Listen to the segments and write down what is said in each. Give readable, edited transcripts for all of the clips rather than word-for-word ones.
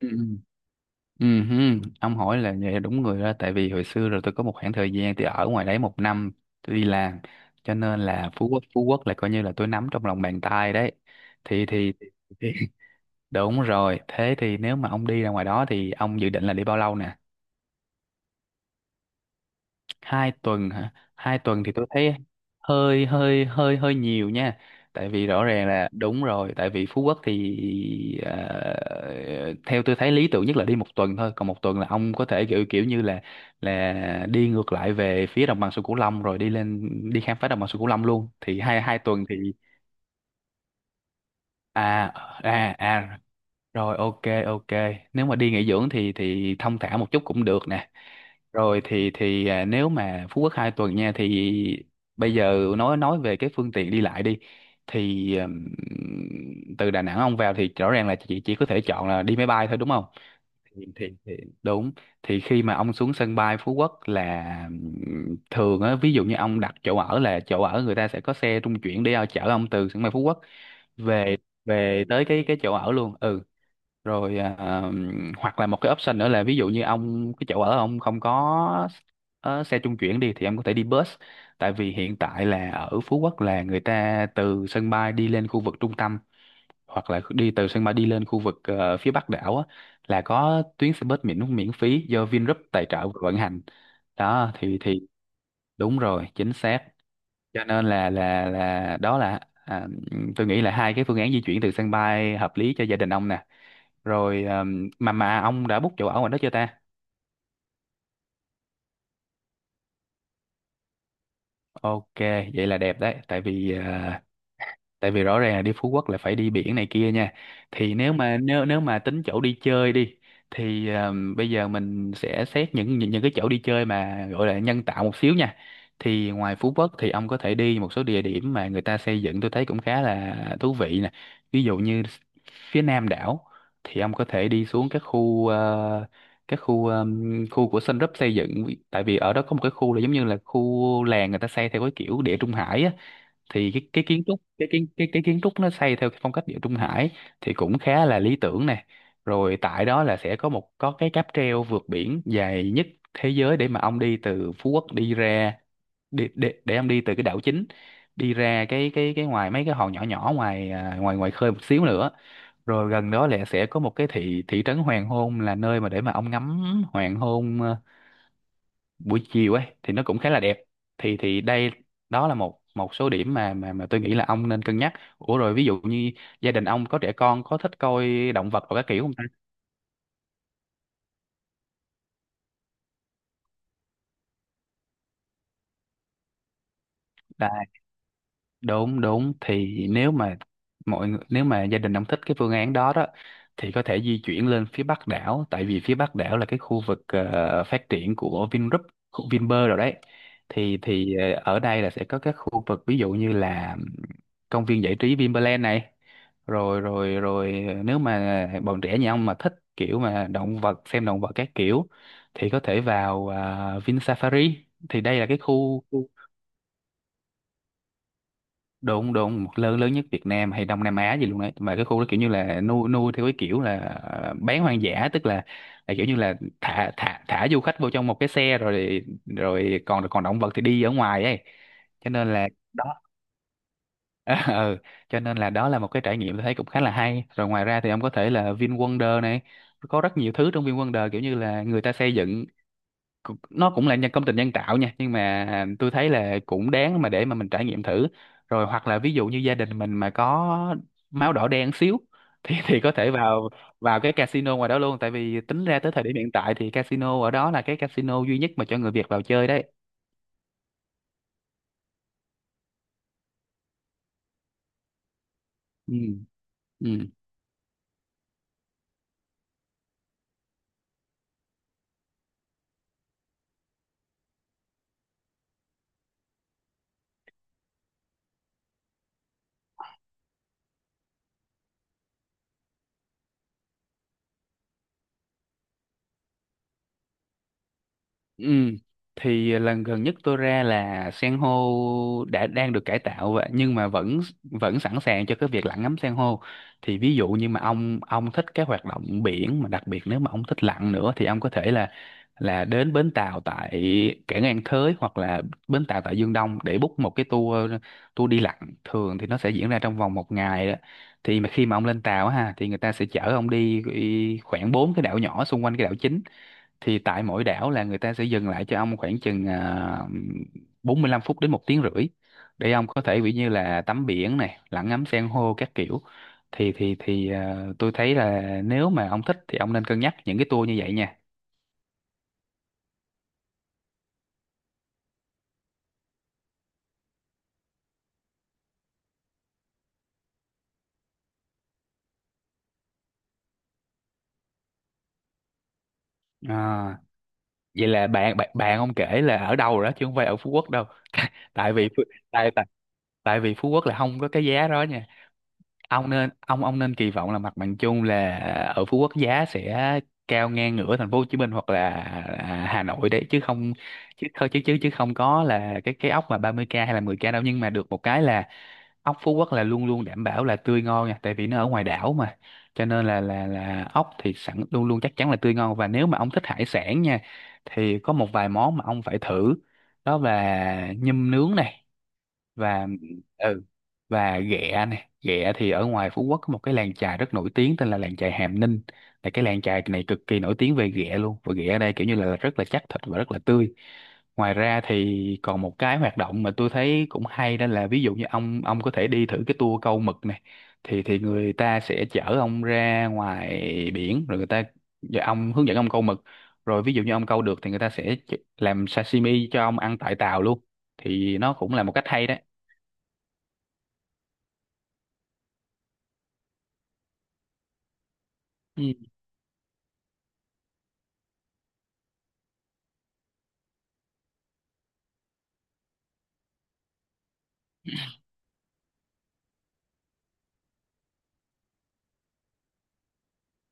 Ừ. Ừ, hứ. Ông hỏi là vậy là đúng người đó, tại vì hồi xưa rồi tôi có một khoảng thời gian tôi ở ngoài đấy một năm, tôi đi làm, cho nên là Phú Quốc là coi như là tôi nắm trong lòng bàn tay đấy. Thì thì, thì đúng rồi, thế thì nếu mà ông đi ra ngoài đó thì ông dự định là đi bao lâu nè? 2 tuần hả? 2 tuần thì tôi thấy hơi hơi hơi hơi nhiều nha, tại vì rõ ràng là, đúng rồi, tại vì Phú Quốc thì theo tôi thấy lý tưởng nhất là đi một tuần thôi, còn một tuần là ông có thể kiểu kiểu như là đi ngược lại về phía đồng bằng sông Cửu Long rồi đi lên, đi khám phá đồng bằng sông Cửu Long luôn, thì hai hai tuần thì, à à à, rồi, ok ok. Nếu mà đi nghỉ dưỡng thì thong thả một chút cũng được nè. Rồi, nếu mà Phú Quốc 2 tuần nha, thì bây giờ nói về cái phương tiện đi lại đi, thì từ Đà Nẵng ông vào thì rõ ràng là chị chỉ có thể chọn là đi máy bay thôi, đúng không? Thì đúng, thì khi mà ông xuống sân bay Phú Quốc là, thường á, ví dụ như ông đặt chỗ ở, là chỗ ở người ta sẽ có xe trung chuyển để chở ông từ sân bay Phú Quốc về về tới cái chỗ ở luôn. Ừ, rồi, hoặc là một cái option nữa là, ví dụ như ông, cái chỗ ở ông không có xe trung chuyển đi, thì ông có thể đi bus, tại vì hiện tại là ở Phú Quốc là người ta từ sân bay đi lên khu vực trung tâm, hoặc là đi từ sân bay đi lên khu vực phía Bắc đảo á, là có tuyến xe bus miễn miễn phí do Vingroup tài trợ và vận hành, đó. Thì đúng rồi, chính xác. Cho nên là đó là, à, tôi nghĩ là hai cái phương án di chuyển từ sân bay hợp lý cho gia đình ông nè. Rồi, mà ông đã book chỗ ở ngoài đó chưa ta? Ok, vậy là đẹp đấy, tại vì, tại vì rõ ràng là đi Phú Quốc là phải đi biển này kia nha. Thì nếu Ừ. mà nếu nếu mà tính chỗ đi chơi đi, thì bây giờ mình sẽ xét những cái chỗ đi chơi mà gọi là nhân tạo một xíu nha. Thì ngoài Phú Quốc thì ông có thể đi một số địa điểm mà người ta xây dựng, tôi thấy cũng khá là thú vị nè. Ví dụ như phía nam đảo thì ông có thể đi xuống các khu, khu của Sun Group xây dựng, tại vì ở đó có một cái khu là giống như là khu làng người ta xây theo cái kiểu Địa Trung Hải á, thì cái kiến trúc cái kiến trúc nó xây theo cái phong cách Địa Trung Hải thì cũng khá là lý tưởng nè. Rồi tại đó là sẽ có một, có cái cáp treo vượt biển dài nhất thế giới để mà ông đi từ Phú Quốc đi ra, đi, để ông đi từ cái đảo chính đi ra, cái ngoài mấy cái hòn nhỏ nhỏ, ngoài à, ngoài ngoài khơi một xíu nữa. Rồi gần đó là sẽ có một cái thị thị trấn hoàng hôn, là nơi mà để mà ông ngắm hoàng hôn buổi chiều ấy, thì nó cũng khá là đẹp. Thì Đây, đó là một một số điểm mà tôi nghĩ là ông nên cân nhắc. Ủa rồi, ví dụ như gia đình ông có trẻ con có thích coi động vật hoặc các kiểu không ta? Đúng, đúng, thì nếu mà, nếu mà gia đình ông thích cái phương án đó đó thì có thể di chuyển lên phía Bắc đảo, tại vì phía Bắc đảo là cái khu vực phát triển của Vingroup, khu Vinpearl rồi đấy. Ở đây là sẽ có các khu vực, ví dụ như là công viên giải trí Vinpearl này. Rồi rồi rồi ờ, nếu mà bọn trẻ nhà ông mà thích kiểu mà động vật, xem động vật các kiểu, thì có thể vào Vin Safari. Thì đây là cái khu, đúng đúng, lớn lớn nhất Việt Nam hay Đông Nam Á gì luôn đấy, mà cái khu đó kiểu như là nuôi nuôi theo cái kiểu là bán hoang dã, tức là kiểu như là thả thả thả du khách vô trong một cái xe rồi, còn còn động vật thì đi ở ngoài ấy, cho nên là đó. ừ. Cho nên là đó là một cái trải nghiệm tôi thấy cũng khá là hay. Rồi ngoài ra thì ông có thể là VinWonder này, có rất nhiều thứ trong VinWonder kiểu như là người ta xây dựng, nó cũng là, công trình nhân tạo nha, nhưng mà tôi thấy là cũng đáng mà để mà mình trải nghiệm thử. Rồi hoặc là ví dụ như gia đình mình mà có máu đỏ đen xíu, thì có thể vào, cái casino ngoài đó luôn, tại vì tính ra tới thời điểm hiện tại thì casino ở đó là cái casino duy nhất mà cho người Việt vào chơi đấy. Ừ, ừ. Ừ, thì lần gần nhất tôi ra là san hô đã đang được cải tạo, nhưng mà vẫn vẫn sẵn sàng cho cái việc lặn ngắm san hô. Thì ví dụ như mà ông thích cái hoạt động biển, mà đặc biệt nếu mà ông thích lặn nữa, thì ông có thể là, đến bến tàu tại cảng An Thới, hoặc là bến tàu tại Dương Đông, để book một cái tour tour đi lặn. Thường thì nó sẽ diễn ra trong vòng một ngày đó. Thì mà khi mà ông lên tàu á ha, thì người ta sẽ chở ông đi khoảng bốn cái đảo nhỏ xung quanh cái đảo chính, thì tại mỗi đảo là người ta sẽ dừng lại cho ông khoảng chừng 45 phút đến một tiếng rưỡi, để ông có thể, ví như là, tắm biển này, lặn ngắm san hô các kiểu. Tôi thấy là nếu mà ông thích thì ông nên cân nhắc những cái tour như vậy nha. à, Vậy là bạn bạn bạn ông kể là ở đâu rồi đó, chứ không phải ở Phú Quốc đâu, tại vì Phú- tại tại tại vì Phú Quốc là không có cái giá đó. Ông nên, ông nên kỳ vọng là mặt bằng chung là ở Phú Quốc giá sẽ cao ngang ngửa thành phố Hồ Chí Minh, hoặc là Hà Nội đấy, chứ không chứ không chứ chứ chứ không có là cái ốc mà 30K hay là 10K đâu, nhưng mà được một cái là ốc Phú Quốc là luôn luôn đảm bảo là tươi ngon nha, tại vì nó ở ngoài đảo mà, cho nên là ốc thì sẵn luôn luôn chắc chắn là tươi ngon. Và nếu mà ông thích hải sản nha thì có một vài món mà ông phải thử, đó là nhum nướng này, và, ừ và Ghẹ này. Ghẹ thì ở ngoài Phú Quốc có một cái làng chài rất nổi tiếng tên là làng chài Hàm Ninh, là cái làng chài này cực kỳ nổi tiếng về ghẹ luôn, và ghẹ ở đây kiểu như là rất là chắc thịt và rất là tươi. Ngoài ra thì còn một cái hoạt động mà tôi thấy cũng hay, đó là ví dụ như ông có thể đi thử cái tour câu mực này. Thì người ta sẽ chở ông ra ngoài biển, rồi người ta và ông hướng dẫn ông câu mực, rồi ví dụ như ông câu được thì người ta sẽ làm sashimi cho ông ăn tại tàu luôn, thì nó cũng là một cách hay đó. Ừ.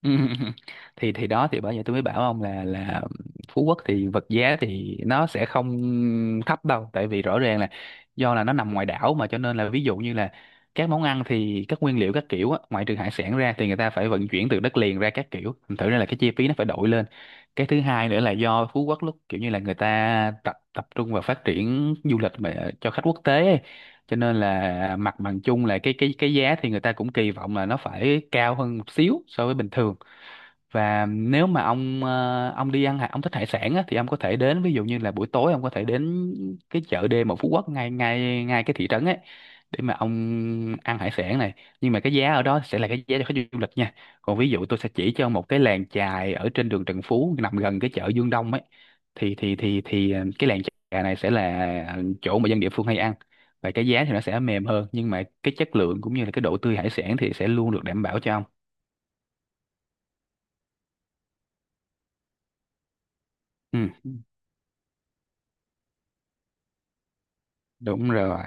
Ừ. Thì đó thì bởi vậy tôi mới bảo ông là Phú Quốc thì vật giá thì nó sẽ không thấp đâu, tại vì rõ ràng là do là nó nằm ngoài đảo, mà cho nên là ví dụ như là các món ăn thì các nguyên liệu các kiểu á, ngoại trừ hải sản ra thì người ta phải vận chuyển từ đất liền ra các kiểu, thành thử ra là cái chi phí nó phải đội lên. Cái thứ hai nữa là do Phú Quốc lúc kiểu như là người ta tập tập trung vào phát triển du lịch mà cho khách quốc tế ấy. Cho nên là mặt bằng chung là cái giá thì người ta cũng kỳ vọng là nó phải cao hơn một xíu so với bình thường. Và nếu mà ông ông thích hải sản á, thì ông có thể đến, ví dụ như là buổi tối ông có thể đến cái chợ đêm ở Phú Quốc, ngay ngay ngay cái thị trấn ấy, để mà ông ăn hải sản này. Nhưng mà cái giá ở đó sẽ là cái giá cho khách du lịch nha. Còn ví dụ tôi sẽ chỉ cho ông một cái làng chài ở trên đường Trần Phú, nằm gần cái chợ Dương Đông ấy. Cái làng chài này sẽ là chỗ mà dân địa phương hay ăn, và cái giá thì nó sẽ mềm hơn, nhưng mà cái chất lượng cũng như là cái độ tươi hải sản thì sẽ luôn được đảm bảo cho ông. Ừ, đúng rồi.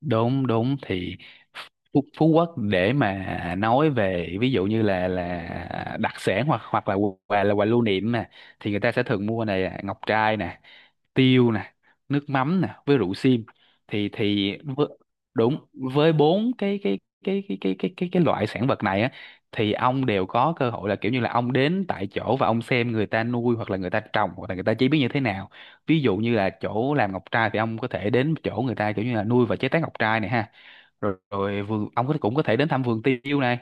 Đúng đúng thì Phú Quốc để mà nói về ví dụ như là đặc sản hoặc hoặc là quà lưu niệm nè, thì người ta sẽ thường mua này à, ngọc trai nè, tiêu nè, nước mắm nè, với rượu sim. thì thì với, Đúng với bốn cái loại sản vật này á, thì ông đều có cơ hội là kiểu như là ông đến tại chỗ và ông xem người ta nuôi hoặc là người ta trồng hoặc là người ta chế biến như thế nào. Ví dụ như là chỗ làm ngọc trai thì ông có thể đến chỗ người ta kiểu như là nuôi và chế tác ngọc trai này ha. Rồi vườn ông có cũng có thể đến thăm vườn tiêu này.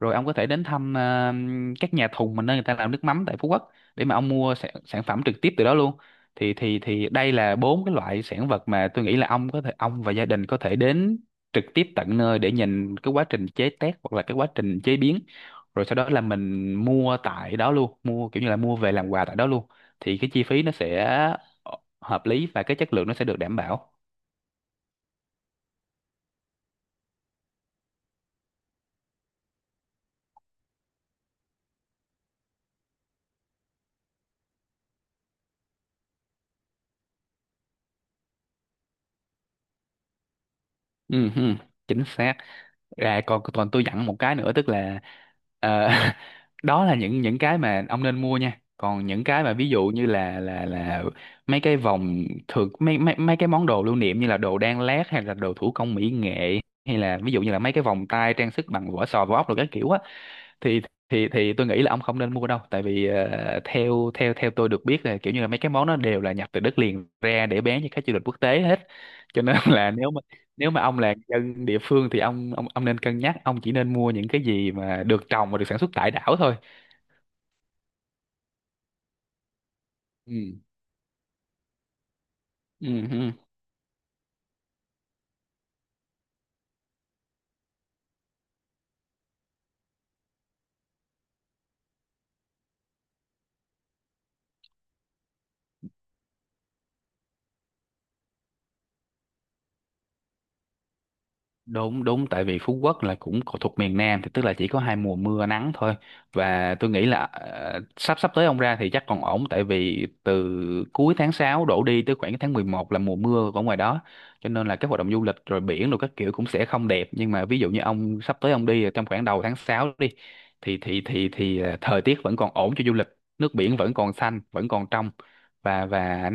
Rồi ông có thể đến thăm các nhà thùng mà nơi người ta làm nước mắm tại Phú Quốc, để mà ông mua sản phẩm trực tiếp từ đó luôn. Thì Đây là bốn cái loại sản vật mà tôi nghĩ là ông và gia đình có thể đến trực tiếp tận nơi để nhìn cái quá trình chế tác hoặc là cái quá trình chế biến, rồi sau đó là mình mua tại đó luôn, mua kiểu như là mua về làm quà tại đó luôn. Thì cái chi phí nó sẽ ờ, hợp lý và cái chất lượng nó sẽ được đảm bảo. Ừ, ừ, chính xác. À, còn còn tôi dặn một cái nữa, tức là ờ, đó là những cái mà ông nên mua nha. Còn những cái mà ví dụ như là mấy cái vòng thường, mấy mấy mấy cái món đồ lưu niệm như là đồ đan lát hay là đồ thủ công mỹ nghệ, hay là ví dụ như là mấy cái vòng tay trang sức bằng vỏ sò vỏ ốc rồi các kiểu á, thì thì tôi nghĩ là ông không nên mua đâu, tại vì theo theo theo tôi được biết là kiểu như là mấy cái món nó đều là nhập từ đất liền ra để bán cho khách du lịch quốc tế hết. Cho nên là nếu mà ông là dân địa phương, thì ông nên cân nhắc, ông chỉ nên mua những cái gì mà được trồng và được sản xuất tại đảo thôi. Ừ. Ừ. Đúng đúng, tại vì Phú Quốc là thuộc miền Nam, thì tức là chỉ có hai mùa mưa nắng thôi. Và tôi nghĩ là sắp sắp tới ông ra thì chắc còn ổn, tại vì từ cuối tháng 6 đổ đi tới khoảng cái tháng 11 là mùa mưa ở ngoài đó, cho nên là các hoạt động du lịch rồi biển rồi các kiểu cũng sẽ không đẹp. Nhưng mà ví dụ như ông sắp tới ông đi trong khoảng đầu tháng 6 đi, thời tiết vẫn còn ổn cho du lịch, nước biển vẫn còn xanh vẫn còn trong. Và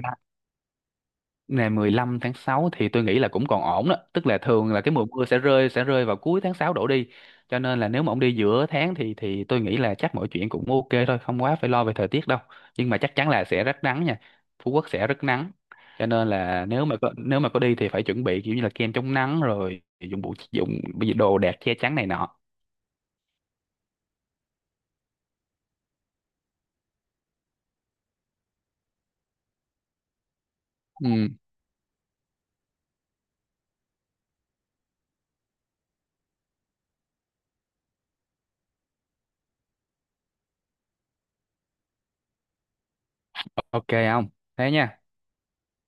ngày 15 tháng 6 thì tôi nghĩ là cũng còn ổn đó, tức là thường là cái mùa mưa sẽ rơi vào cuối tháng 6 đổ đi. Cho nên là nếu mà ông đi giữa tháng thì tôi nghĩ là chắc mọi chuyện cũng ok thôi, không quá phải lo về thời tiết đâu. Nhưng mà chắc chắn là sẽ rất nắng nha. Phú Quốc sẽ rất nắng. Cho nên là nếu mà có đi thì phải chuẩn bị kiểu như là kem chống nắng rồi dụng cụ đồ đạc che chắn này nọ. Ừ, ok không? Thế nha.